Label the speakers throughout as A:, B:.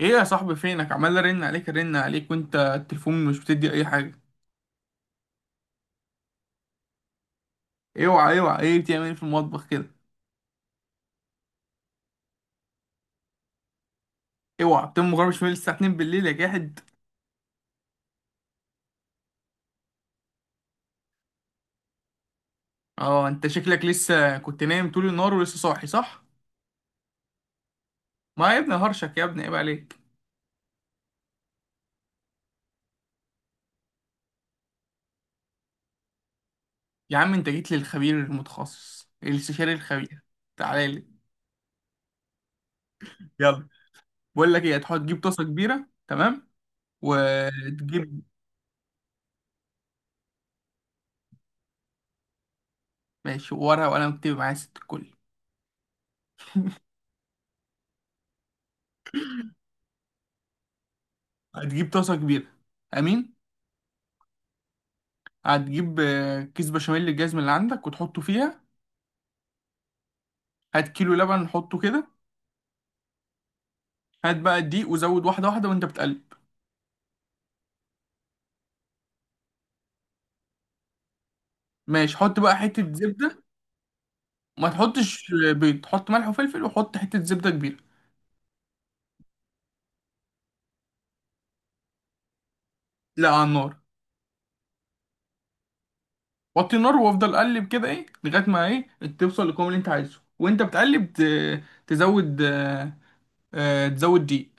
A: ايه يا صاحبي، فينك؟ عمال ارن عليك ارن عليك وانت التليفون مش بتدي اي حاجه. اوعى اوعى، ايه بتعمل ايه في المطبخ كده؟ اوعى بتقوم مغربش من الساعه 2 بالليل يا جاحد. اه، انت شكلك لسه كنت نايم طول النهار ولسه صاحي، صح؟ ما يا ابني هرشك يا ابني، عيب عليك. يا عم انت جيت للخبير المتخصص الاستشاري الخبير. تعالى لي. يلا. بقول لك ايه، هتحط تجيب طاسه كبيره. تمام، وتجيب ماشي ورقه وقلم، اكتب معايا ست الكل. هتجيب طاسه كبيره. امين. هتجيب كيس بشاميل الجزم اللي عندك وتحطه فيها. هات كيلو لبن حطه كده. هات بقى الدقيق وزود واحدة واحدة وانت بتقلب. ماشي، حط بقى حتة زبدة. ما تحطش بيض، حط ملح وفلفل وحط حتة زبدة كبيرة. لا، على النار. وطي النار وافضل قلب كده ايه لغاية ما ايه توصل للقوام اللي انت عايزه، وانت بتقلب تزود تزود دقيق.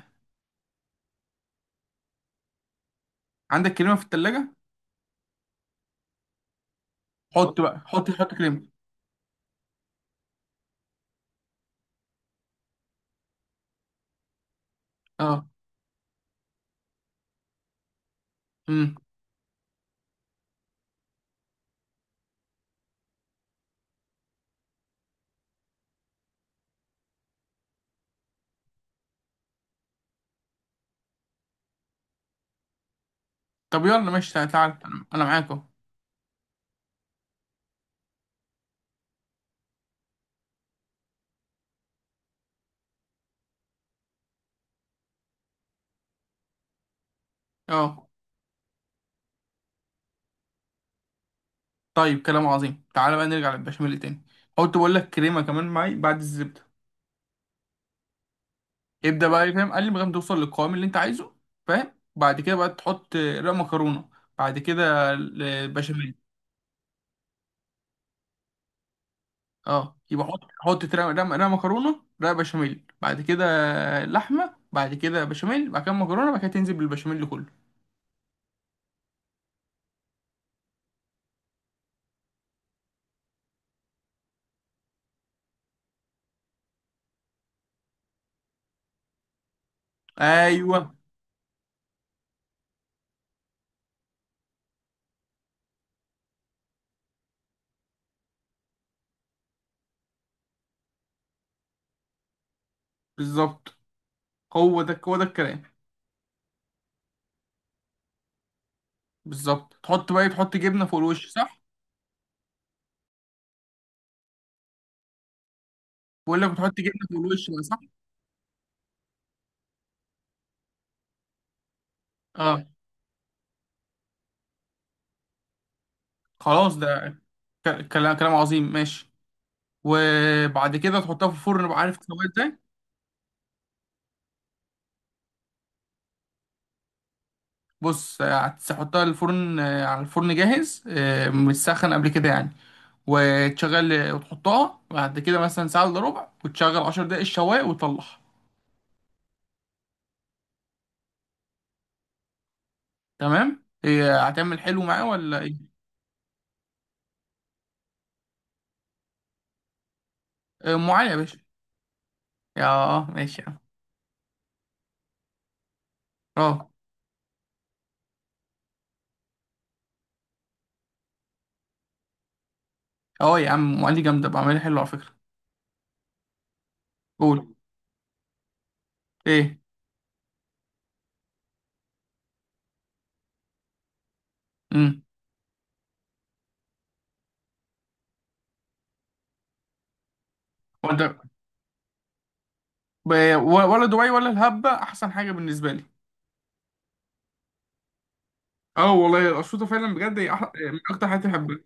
A: عندك كريمة في التلاجة؟ حط بقى، حط كريمة. اه. امم. طب يلا ماشي، تعال تعال. انا معاك اهو. اه. طيب كلام عظيم، تعالى بقى نرجع للبشاميل تاني. قلت بقول لك كريمه كمان معي بعد الزبده. ابدا بقى، فاهم؟ قال لي لغايه ما توصل للقوام اللي انت عايزه. فاهم، بعد كده بقى تحط رق مكرونه. بعد كده البشاميل. اه، يبقى حط رق مكرونه، رق بشاميل بعد كده، لحمه بعد كده، بشاميل بعد كده، مكرونه، بعد كده تنزل بالبشاميل كله. ايوه. بالظبط، هو ده هو ده الكلام. بالظبط، تحط بقى تحط جبنه فوق الوش، صح؟ بقول لك بتحط جبنه فوق الوش بقى، صح؟ اه. خلاص ده كلام عظيم، ماشي. وبعد كده تحطها في الفرن بقى، عارف تسويها ازاي؟ بص، هتحطها الفرن، على الفرن جاهز متسخن قبل كده يعني، وتشغل وتحطها بعد كده مثلا ساعة الا ربع، وتشغل 10 دقايق الشواية وتطلعها. تمام، هي هتعمل حلو معاه ولا ايه؟ ام علي يا باشا. يا ماشي يا عم. اه اه، يا عم ام علي جامدة، بعملها حلو على فكرة. قول. ايه. امم. وانت ولا دبي ولا الهبة احسن حاجة بالنسبة لي. اه والله الاسيوطه فعلا بجد هي من اكتر حاجات اللي بحبها.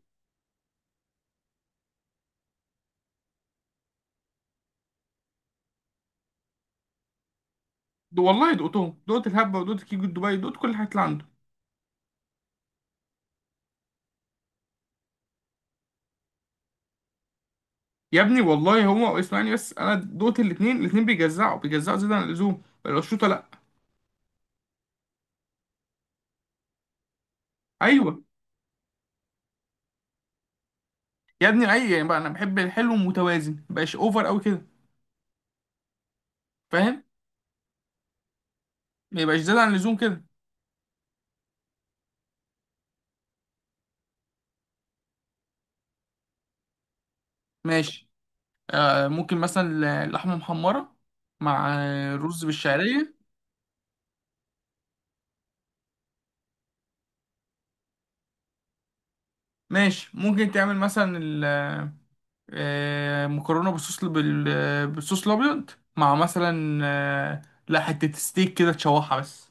A: ده والله دقتهم، دقت الهبه ودقت كيكو دبي، دقت كل الحاجات اللي عنده. يا ابني والله هو اسمعني، بس انا دقت الاثنين الاثنين بيجزعوا بيجزعوا زياده عن اللزوم، الاسيوطه لا. ايوه يا ابني، اي يعني بقى انا بحب الحلو المتوازن، ما يبقاش اوفر قوي كده. فاهم. ما يبقاش زياده عن اللزوم كده. ماشي. ممكن مثلا لحمه محمره مع رز بالشعريه. ماشي ممكن تعمل مثلا مكرونه بالصوص بالصوص الابيض، مع مثلا لا حته ستيك كده تشوحها بس.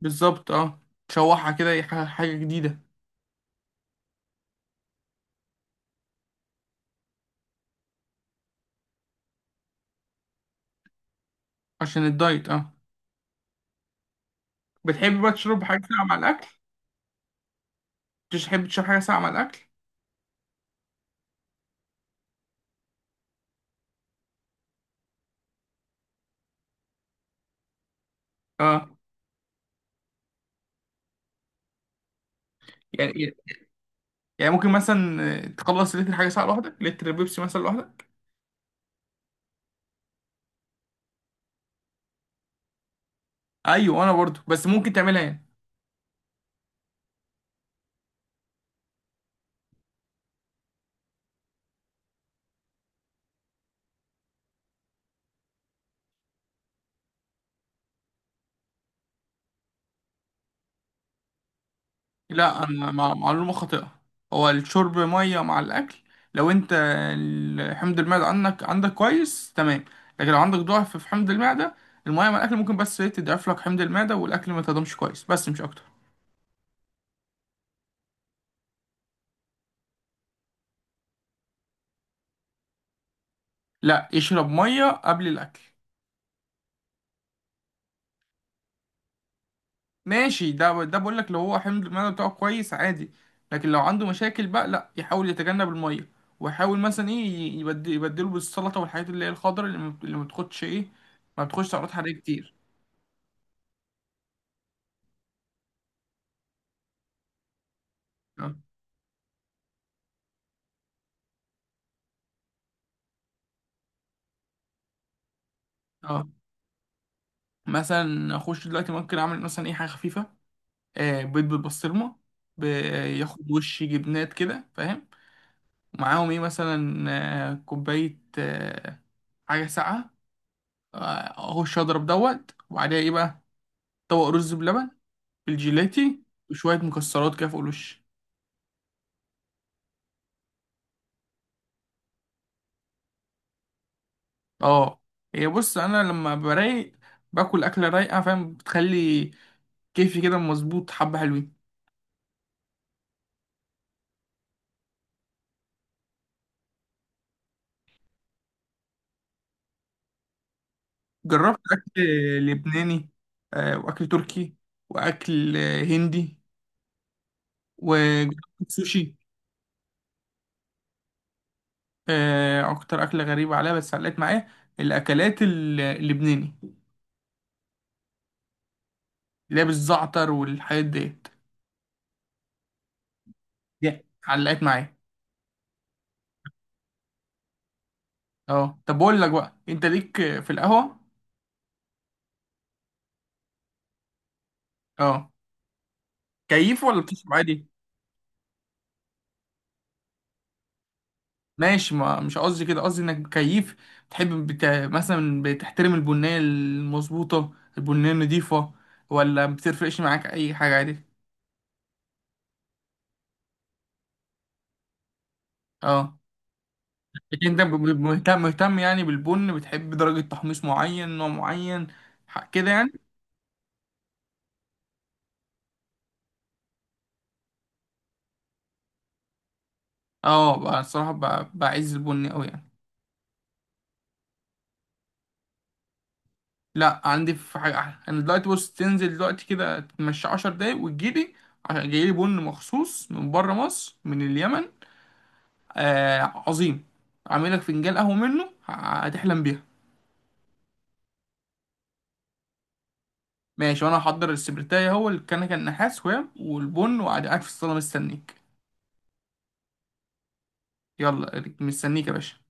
A: بالظبط، اه. تشوحها كده، حاجه جديده. عشان الدايت، اه. بتحب بقى تشرب حاجه ساقعه مع الاكل؟ بتحب تشرب حاجه ساقعه مع الاكل؟ اه، يعني، ممكن مثلا تخلص لتر حاجه ساقعه لوحدك، لتر بيبسي مثلا لوحدك. ايوه انا برضو، بس ممكن تعملها يعني. لا انا مع معلومه خاطئه. هو الشرب ميه مع الاكل لو انت حمض المعده عندك كويس، تمام. لكن لو عندك ضعف في حمض المعده، الميه مع الاكل ممكن بس إيه تضعف لك حمض المعده والاكل ما تهضمش كويس، بس مش اكتر. لا، اشرب ميه قبل الاكل. ماشي، ده بقول لك لو هو حمض المعده بتاعه كويس عادي. لكن لو عنده مشاكل بقى لا، يحاول يتجنب الميه، ويحاول مثلا ايه يبدله بالسلطه والحاجات اللي هي الخضراء، اللي ما بتاخدش ايه، ما بتاخدش سعرات حراريه كتير. اه، آه. مثلا اخش دلوقتي ممكن اعمل مثلا اي حاجه خفيفه، آه، بيض بالبسطرمه، ب- ياخد وش جبنات كده، فاهم؟ معاهم ايه مثلا، آه، كوبايه حاجه ساقعه، اخش اضرب دوت، وبعدها ايه بقى؟ طبق رز بلبن بالجيلاتي وشويه مكسرات كده فوق الوش. اه. هي بص، انا لما برايق باكل اكله رايقه، فاهم؟ بتخلي كيفي كده مظبوط، حبه حلوين. جربت أكل لبناني، وأكل تركي، وأكل هندي، وجربت السوشي. أكتر أكلة غريبة عليا بس علقت معايا الأكلات اللبناني، اللي هي بالزعتر والحاجات ديت، دي علقت معايا. اه، طب بقول لك بقى، أنت ليك في القهوة؟ اه، كيف ولا بتشرب عادي؟ ماشي، ما مش قصدي كده، قصدي إنك كيف بتحب مثلا بتحترم البنية المظبوطة، البنية النضيفة، ولا بتفرقش معاك أي حاجة عادي؟ اه، لكن انت مهتم يعني بالبن، بتحب درجة تحميص معين، نوع معين كده يعني؟ اه بقى الصراحة بعز البن قوي يعني. لا، عندي في حاجة احلى انا دلوقتي. بص، تنزل دلوقتي كده تمشي 10 دقايق وتجيلي، عشان جايلي بن مخصوص من بره مصر من اليمن. آه، عظيم. عامل لك فنجان قهوة منه هتحلم بيها. ماشي، وانا هحضر السبرتاية هو الكنكة النحاس، وهي والبن، وقاعد قاعد في الصالة مستنيك. يلا، مستنيك يا باشا.